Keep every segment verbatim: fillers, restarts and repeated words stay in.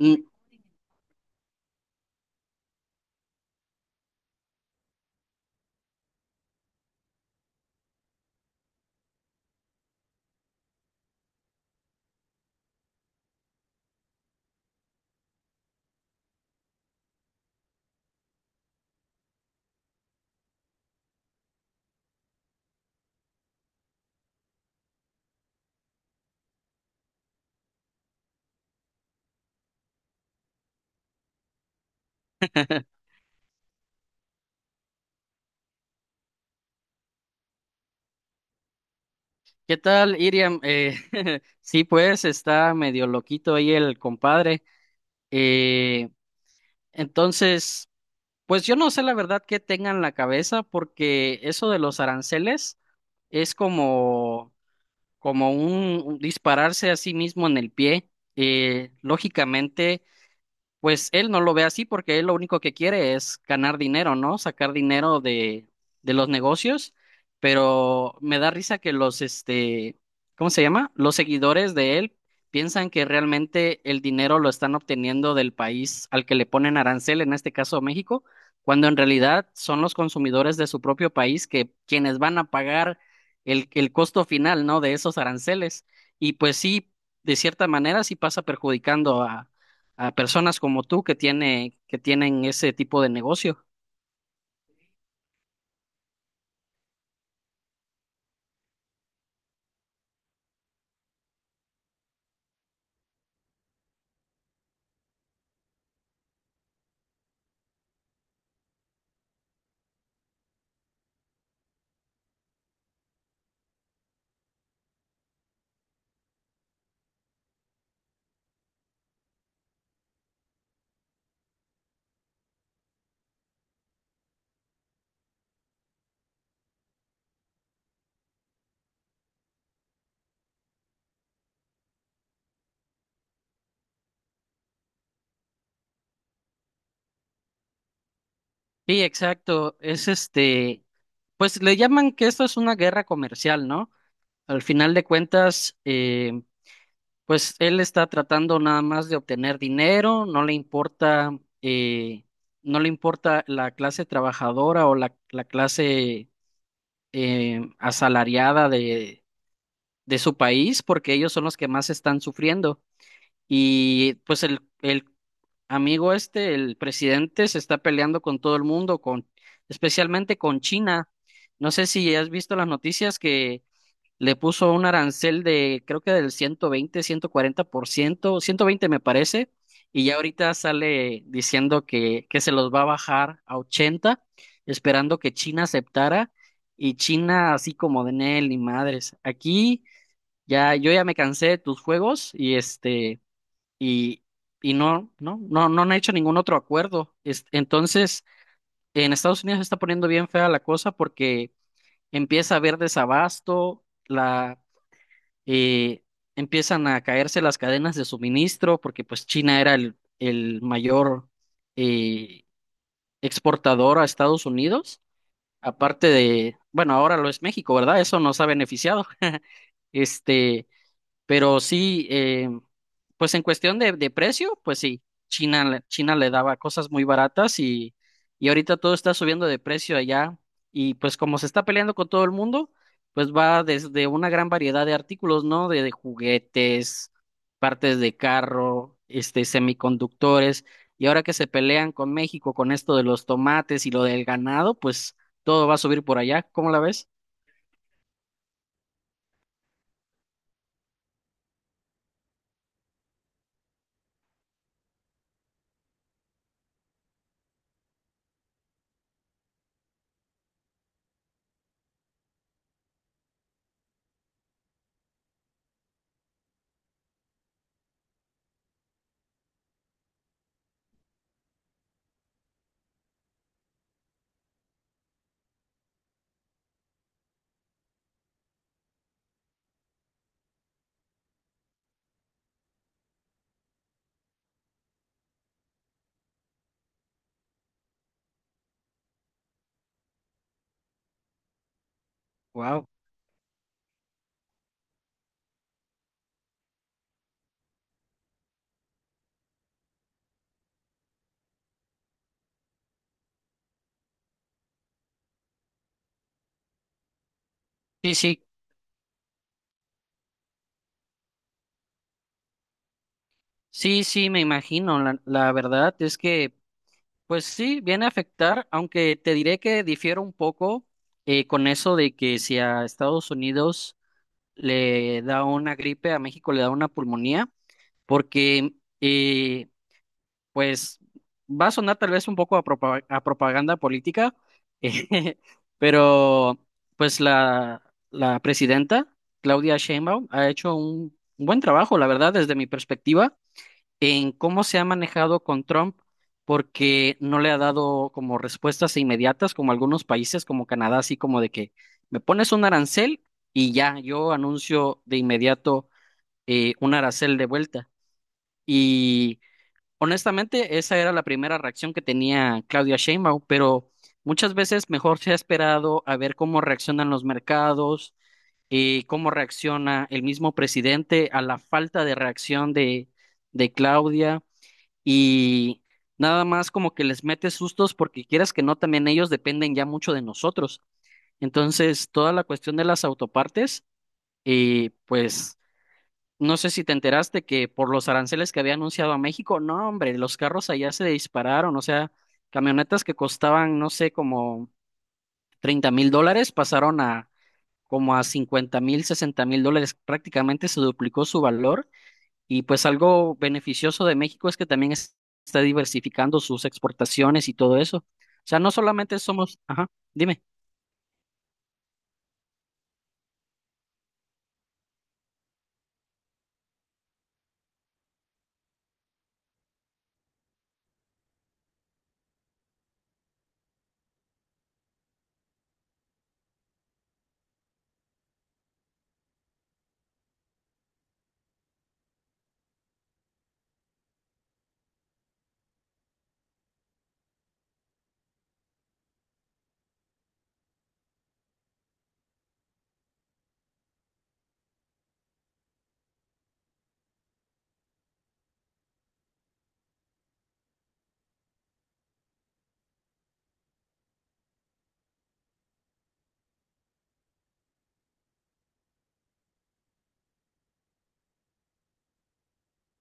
Mm. ¿Qué tal, Iriam? Eh, sí, pues está medio loquito ahí el compadre. Eh, entonces, pues yo no sé la verdad qué tenga en la cabeza, porque eso de los aranceles es como, como un, un dispararse a sí mismo en el pie. Eh, lógicamente, pues él no lo ve así porque él lo único que quiere es ganar dinero, ¿no? Sacar dinero de, de los negocios, pero me da risa que los, este, ¿cómo se llama? Los seguidores de él piensan que realmente el dinero lo están obteniendo del país al que le ponen arancel, en este caso México, cuando en realidad son los consumidores de su propio país que quienes van a pagar el, el costo final, ¿no? De esos aranceles. Y pues sí, de cierta manera sí pasa perjudicando a a personas como tú que tiene, que tienen ese tipo de negocio. Sí, exacto. Es este, pues le llaman que esto es una guerra comercial, ¿no? Al final de cuentas, eh, pues él está tratando nada más de obtener dinero, no le importa, eh, no le importa la clase trabajadora o la, la clase eh, asalariada de, de su país, porque ellos son los que más están sufriendo. Y pues el, el amigo este, el presidente, se está peleando con todo el mundo, con, especialmente con China. No sé si has visto las noticias que le puso un arancel de, creo que del ciento veinte, ciento cuarenta por ciento. ciento veinte me parece, y ya ahorita sale diciendo que, que se los va a bajar a ochenta, esperando que China aceptara. Y China así como de Nel, ni madres. Aquí ya, yo ya me cansé de tus juegos y este y, y no, no, no, no han hecho ningún otro acuerdo. Es- entonces, en Estados Unidos se está poniendo bien fea la cosa porque empieza a haber desabasto. la, eh, Empiezan a caerse las cadenas de suministro porque pues China era el, el mayor eh, exportador a Estados Unidos, aparte de, bueno, ahora lo es México, ¿verdad? Eso nos ha beneficiado. Este, pero sí, eh, pues en cuestión de, de precio, pues sí, China, le- China le daba cosas muy baratas, y, y ahorita todo está subiendo de precio allá. Y pues como se está peleando con todo el mundo, pues va desde una gran variedad de artículos, ¿no? De, de juguetes, partes de carro, este, semiconductores. Y ahora que se pelean con México con esto de los tomates y lo del ganado, pues todo va a subir por allá. ¿Cómo la ves? Wow. Sí, sí. Sí, sí, me imagino. La, la verdad es que, pues sí, viene a afectar, aunque te diré que difiero un poco eh, con eso de que si a Estados Unidos le da una gripe, a México le da una pulmonía, porque, eh, pues, va a sonar tal vez un poco a propa- a propaganda política. eh, pero, pues, la, la presidenta, Claudia Sheinbaum, ha hecho un un buen trabajo, la verdad, desde mi perspectiva, en cómo se ha manejado con Trump, porque no le ha dado como respuestas inmediatas, como algunos países, como Canadá, así como de que me pones un arancel y ya, yo anuncio de inmediato eh, un arancel de vuelta. Y honestamente, esa era la primera reacción que tenía Claudia Sheinbaum, pero muchas veces mejor se ha esperado a ver cómo reaccionan los mercados. Eh, cómo reacciona el mismo presidente a la falta de reacción de, de Claudia, y nada más como que les metes sustos porque quieras que no, también ellos dependen ya mucho de nosotros. Entonces, toda la cuestión de las autopartes, eh, pues no sé si te enteraste que por los aranceles que había anunciado a México, no, hombre, los carros allá se dispararon. O sea, camionetas que costaban, no sé, como treinta mil dólares pasaron a como a cincuenta mil, sesenta mil dólares, prácticamente se duplicó su valor. Y pues algo beneficioso de México es que también es- está diversificando sus exportaciones y todo eso. O sea, no solamente somos, ajá, dime.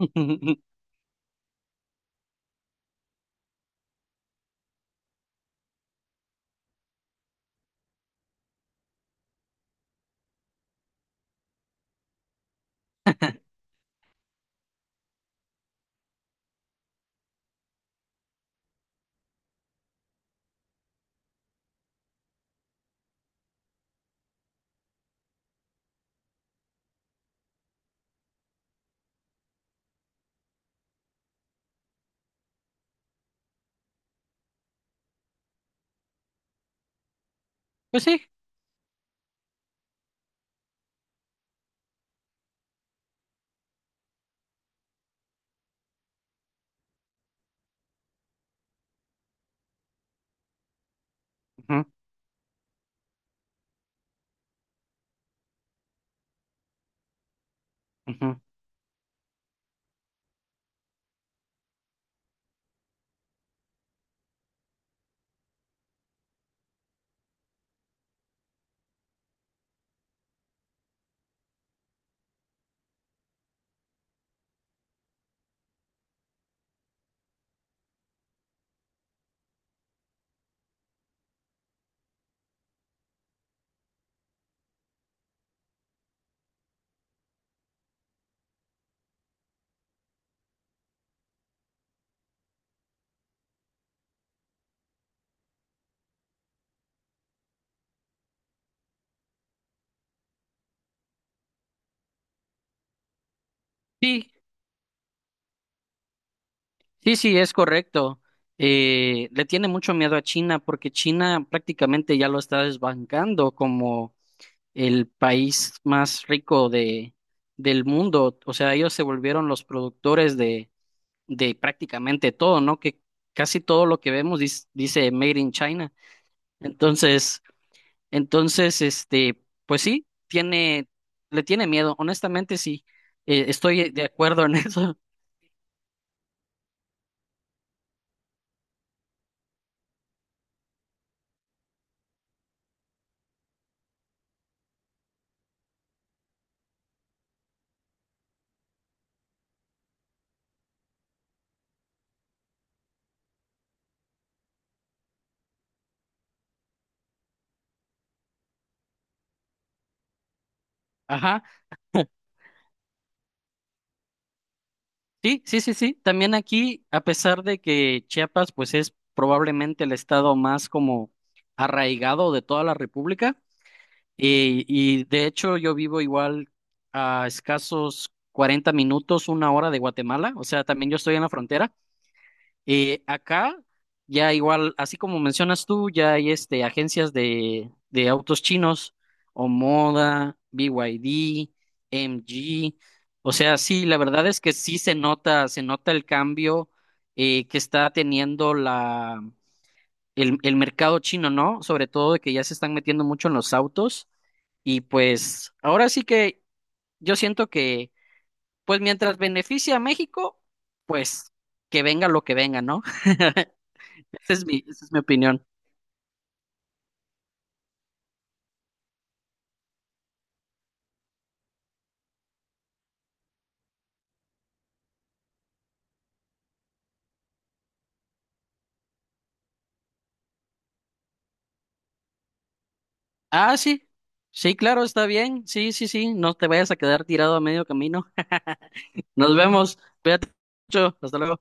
Pues sí. Ujú, ujú. Sí, sí, sí, es correcto. Eh, le tiene mucho miedo a China porque China prácticamente ya lo está desbancando como el país más rico de, del mundo. O sea, ellos se volvieron los productores de, de prácticamente todo, ¿no? Que casi todo lo que vemos dis- dice Made in China. Entonces, entonces, este, pues sí, tiene, le tiene miedo, honestamente sí, eh, estoy de acuerdo en eso. Ajá, sí, sí, sí, sí. También aquí, a pesar de que Chiapas, pues es probablemente el estado más como arraigado de toda la República, eh, y de hecho yo vivo igual a escasos cuarenta minutos, una hora de Guatemala. O sea, también yo estoy en la frontera. Eh, acá ya igual, así como mencionas tú, ya hay este, agencias de, de autos chinos, Omoda, B Y D, M G. O sea, sí, la verdad es que sí se nota, se nota el cambio eh, que está teniendo la, el, el mercado chino, ¿no? Sobre todo de que ya se están metiendo mucho en los autos. Y pues ahora sí que yo siento que, pues mientras beneficia a México, pues que venga lo que venga, ¿no? Esa es mi, esa es mi opinión. Ah, sí. Sí, claro, está bien. Sí, sí, sí. No te vayas a quedar tirado a medio camino. Nos vemos. Cuídate mucho. Hasta luego.